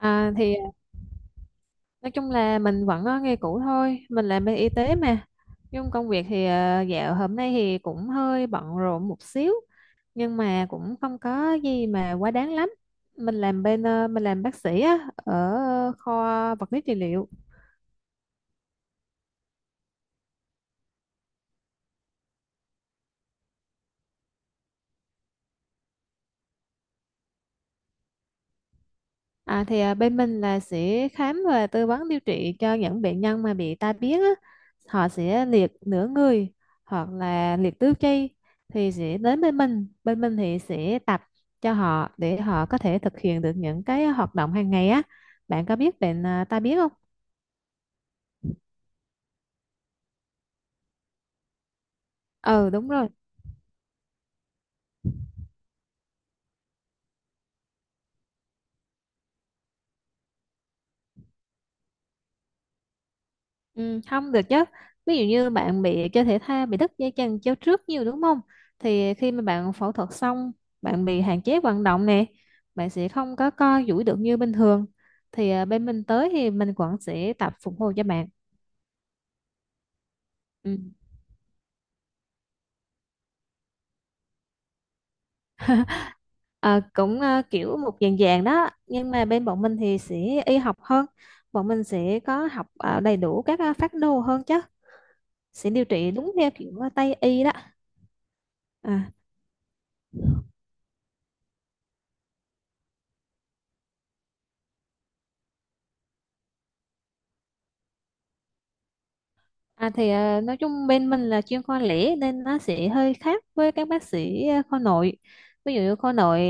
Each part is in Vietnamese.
À, thì nói chung là mình vẫn ở nghề cũ thôi, mình làm bên y tế mà. Nhưng công việc thì dạo hôm nay thì cũng hơi bận rộn một xíu, nhưng mà cũng không có gì mà quá đáng lắm. Mình làm bên mình làm bác sĩ á, ở kho vật lý trị liệu. À, thì bên mình là sẽ khám và tư vấn điều trị cho những bệnh nhân mà bị tai biến á. Họ sẽ liệt nửa người hoặc là liệt tứ chi thì sẽ đến bên mình. Bên mình thì sẽ tập cho họ để họ có thể thực hiện được những cái hoạt động hàng ngày á. Bạn có biết bệnh tai biến không? Ừ, đúng rồi. Ừ, không được chứ, ví dụ như bạn bị chơi thể thao bị đứt dây chằng chéo trước nhiều đúng không, thì khi mà bạn phẫu thuật xong, bạn bị hạn chế vận động nè, bạn sẽ không có co duỗi được như bình thường, thì bên mình tới thì mình vẫn sẽ tập phục hồi cho bạn. Ừ. À, cũng kiểu một dạng dạng đó, nhưng mà bên bọn mình thì sẽ y học hơn, bọn mình sẽ có học đầy đủ các phác đồ hơn chứ, sẽ điều trị đúng theo kiểu Tây y đó à. À, thì nói chung bên mình là chuyên khoa lẻ nên nó sẽ hơi khác với các bác sĩ khoa nội. Ví dụ như khoa nội,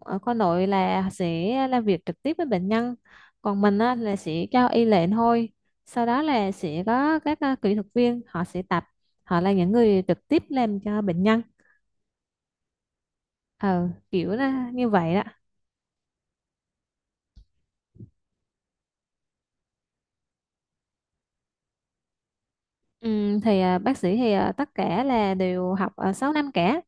ở khoa nội là sẽ làm việc trực tiếp với bệnh nhân, còn mình á, là sẽ cho y lệnh thôi. Sau đó là sẽ có các kỹ thuật viên họ sẽ tập, họ là những người trực tiếp làm cho bệnh nhân. Ờ, kiểu là như vậy đó. Ừ, thì bác sĩ thì tất cả là đều học 6 năm cả,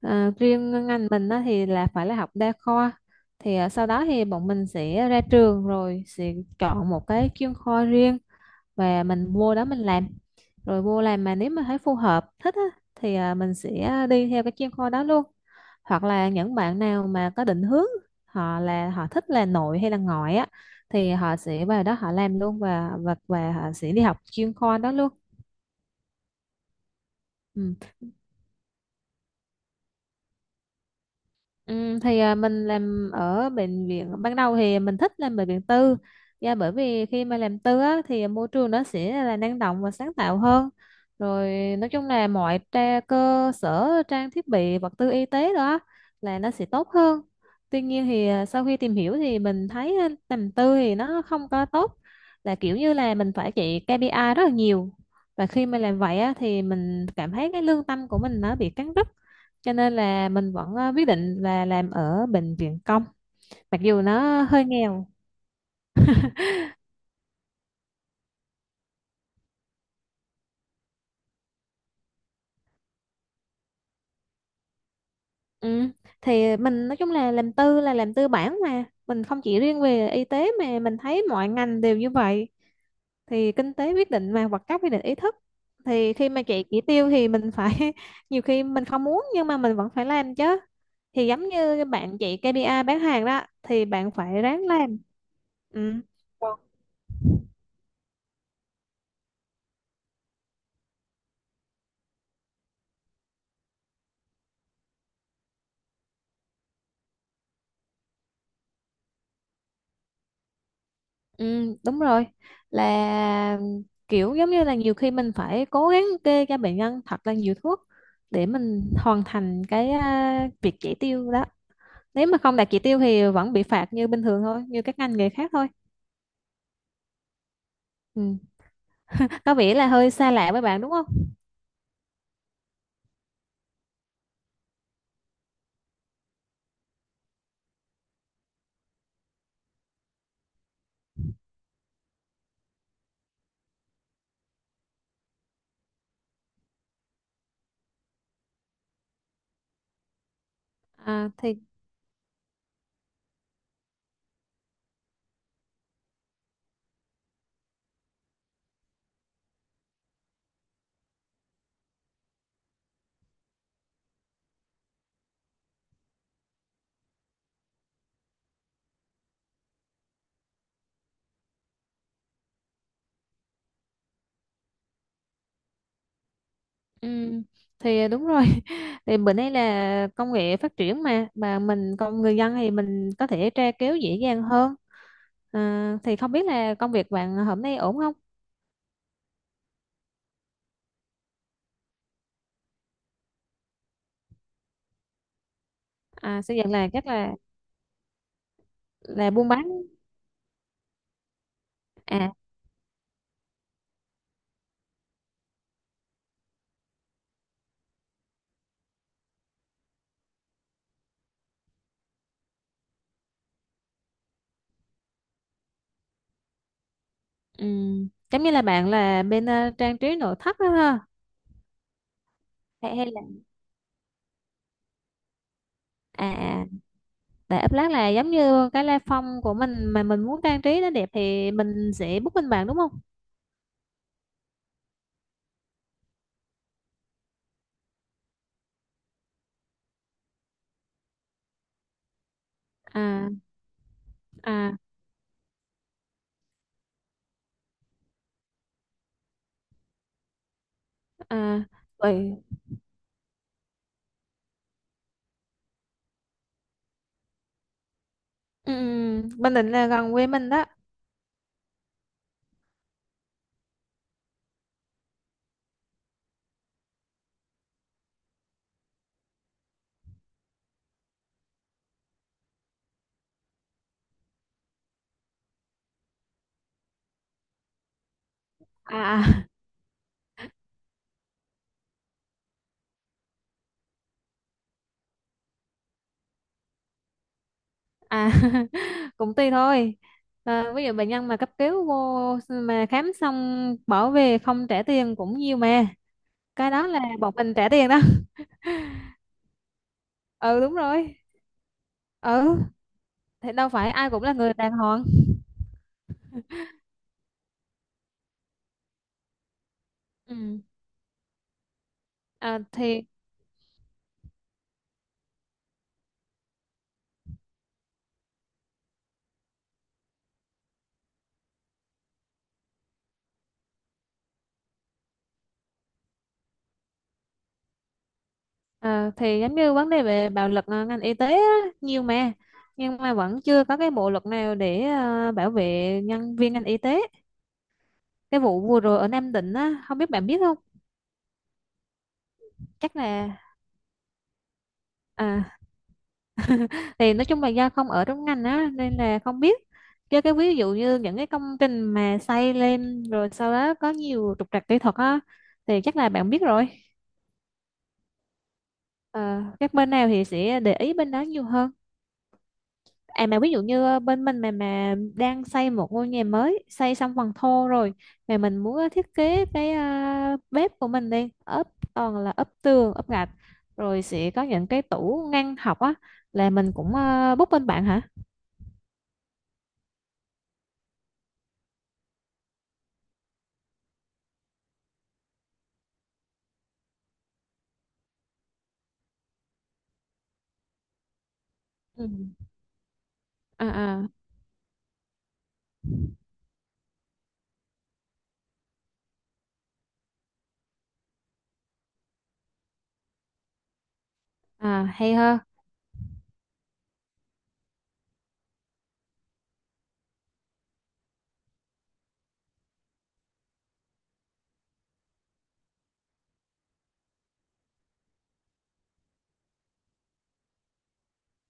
riêng ngành mình á, thì là phải là học đa khoa, thì sau đó thì bọn mình sẽ ra trường rồi sẽ chọn một cái chuyên khoa riêng và mình vô đó mình làm, rồi vô làm mà nếu mà thấy phù hợp thích á, thì mình sẽ đi theo cái chuyên khoa đó luôn, hoặc là những bạn nào mà có định hướng, họ là họ thích là nội hay là ngoại á, thì họ sẽ vào đó họ làm luôn và họ sẽ đi học chuyên khoa đó luôn. Ừ. Ừ, thì mình làm ở bệnh viện, ban đầu thì mình thích làm bệnh viện tư, dạ bởi vì khi mà làm tư á, thì môi trường nó sẽ là năng động và sáng tạo hơn, rồi nói chung là mọi tra, cơ sở trang thiết bị vật tư y tế đó là nó sẽ tốt hơn. Tuy nhiên thì sau khi tìm hiểu thì mình thấy làm tư thì nó không có tốt, là kiểu như là mình phải chạy KPI rất là nhiều, và khi mà làm vậy á, thì mình cảm thấy cái lương tâm của mình nó bị cắn rứt, cho nên là mình vẫn quyết định là làm ở bệnh viện công, mặc dù nó hơi nghèo. Ừ. Thì mình nói chung là làm tư bản mà, mình không chỉ riêng về y tế mà mình thấy mọi ngành đều như vậy, thì kinh tế quyết định mà, hoặc các quyết định ý thức, thì khi mà chạy chỉ tiêu thì mình phải nhiều khi mình không muốn nhưng mà mình vẫn phải làm chứ, thì giống như bạn chạy KPI bán hàng đó thì bạn phải ráng làm. Ừ. Ừ, đúng rồi, là kiểu giống như là nhiều khi mình phải cố gắng kê cho bệnh nhân thật là nhiều thuốc để mình hoàn thành cái việc chỉ tiêu đó, nếu mà không đạt chỉ tiêu thì vẫn bị phạt như bình thường thôi như các ngành nghề khác thôi. Ừ. Có vẻ là hơi xa lạ với bạn đúng không? À, thì Ừ, thì đúng rồi. Thì bữa nay là công nghệ phát triển mà, mình con người dân thì mình có thể tra cứu dễ dàng hơn. À, thì không biết là công việc bạn hôm nay ổn không? À, xây dựng là chắc là buôn bán à. Ừm, giống như là bạn là bên trang trí nội thất đó ha? Hay, hay là à à, tại ấp lát là giống như cái la phong của mình mà mình muốn trang trí nó đẹp thì mình sẽ book bên bạn đúng không? À à à vậy. Ừ, ừ, Bình Định là gần quê mình đó. à à À, cũng tùy thôi. Ờ, ví dụ bệnh nhân mà cấp cứu vô mà khám xong bỏ về không trả tiền cũng nhiều mà, cái đó là bọn mình trả tiền đó. Ừ, đúng rồi. Ừ, thế đâu phải ai cũng là người đàng hoàng. Ừ. à, thì À, thì giống như vấn đề về bạo lực ngành y tế á, nhiều mà, nhưng mà vẫn chưa có cái bộ luật nào để bảo vệ nhân viên ngành y tế. Cái vụ vừa rồi ở Nam Định á, không biết bạn biết không? Chắc là à, thì nói chung là do không ở trong ngành á nên là không biết, chứ cái ví dụ như những cái công trình mà xây lên rồi sau đó có nhiều trục trặc kỹ thuật á, thì chắc là bạn biết rồi. Ờ, các bên nào thì sẽ để ý bên đó nhiều hơn. À mà ví dụ như bên mình mà đang xây một ngôi nhà mới, xây xong phần thô rồi, mà mình muốn thiết kế cái bếp của mình đi, ốp toàn là ốp tường, ốp gạch, rồi sẽ có những cái tủ ngăn học á, là mình cũng book bên bạn hả? Ừ. À à Hay ha.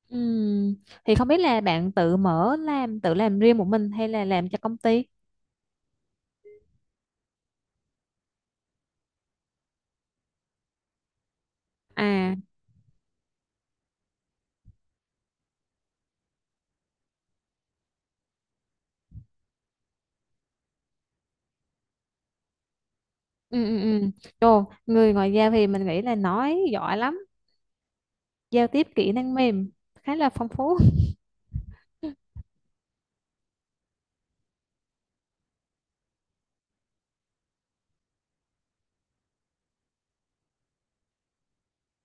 Ừm, Thì không biết là bạn tự mở làm tự làm riêng một mình hay là làm cho công ty? À, ừ ừ ừ. Trời, người ngoại giao thì mình nghĩ là nói giỏi lắm, giao tiếp kỹ năng mềm khá là phong phú.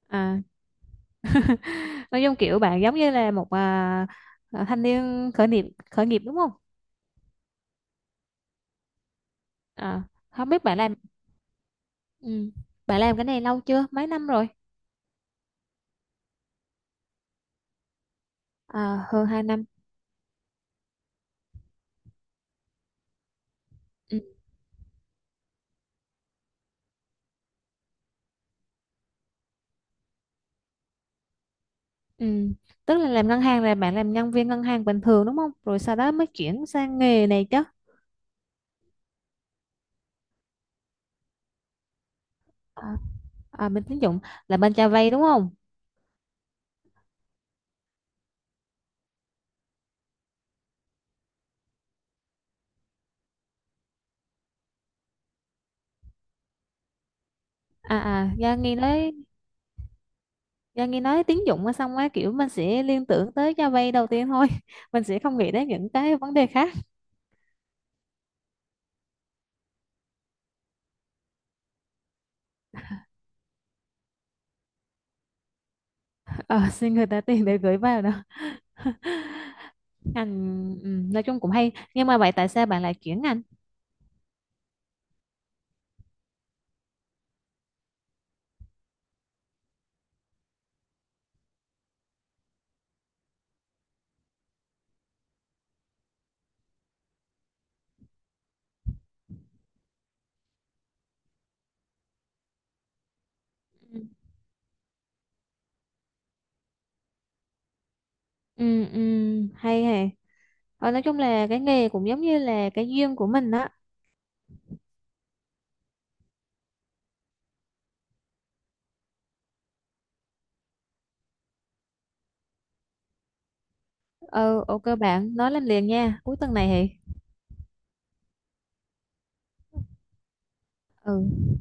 À, nói chung kiểu bạn giống như là một thanh niên khởi nghiệp, khởi nghiệp đúng không? À, không biết bạn làm. Ừ. Bạn làm cái này lâu chưa? Mấy năm rồi? À, hơn 2 năm. Ừ. Ừ. Tức là làm ngân hàng là bạn làm nhân viên ngân hàng bình thường đúng không? Rồi sau đó mới chuyển sang nghề này chứ. À, bên tín dụng là bên cho vay đúng không? À à, do nghe nói tín dụng á, xong á kiểu mình sẽ liên tưởng tới cho vay đầu tiên thôi. Mình sẽ không nghĩ đến những cái vấn đề khác. Ờ, xin người ta tiền để gửi vào đâu. Ngành ừ, nói chung cũng hay, nhưng mà vậy tại sao bạn lại chuyển ngành? ừ, ừ, ừ, Hay hay. Ờ, nói chung là cái nghề cũng giống như là cái duyên của mình đó. Ừ, ok bạn, nói lên liền nha, cuối tuần này thì ừ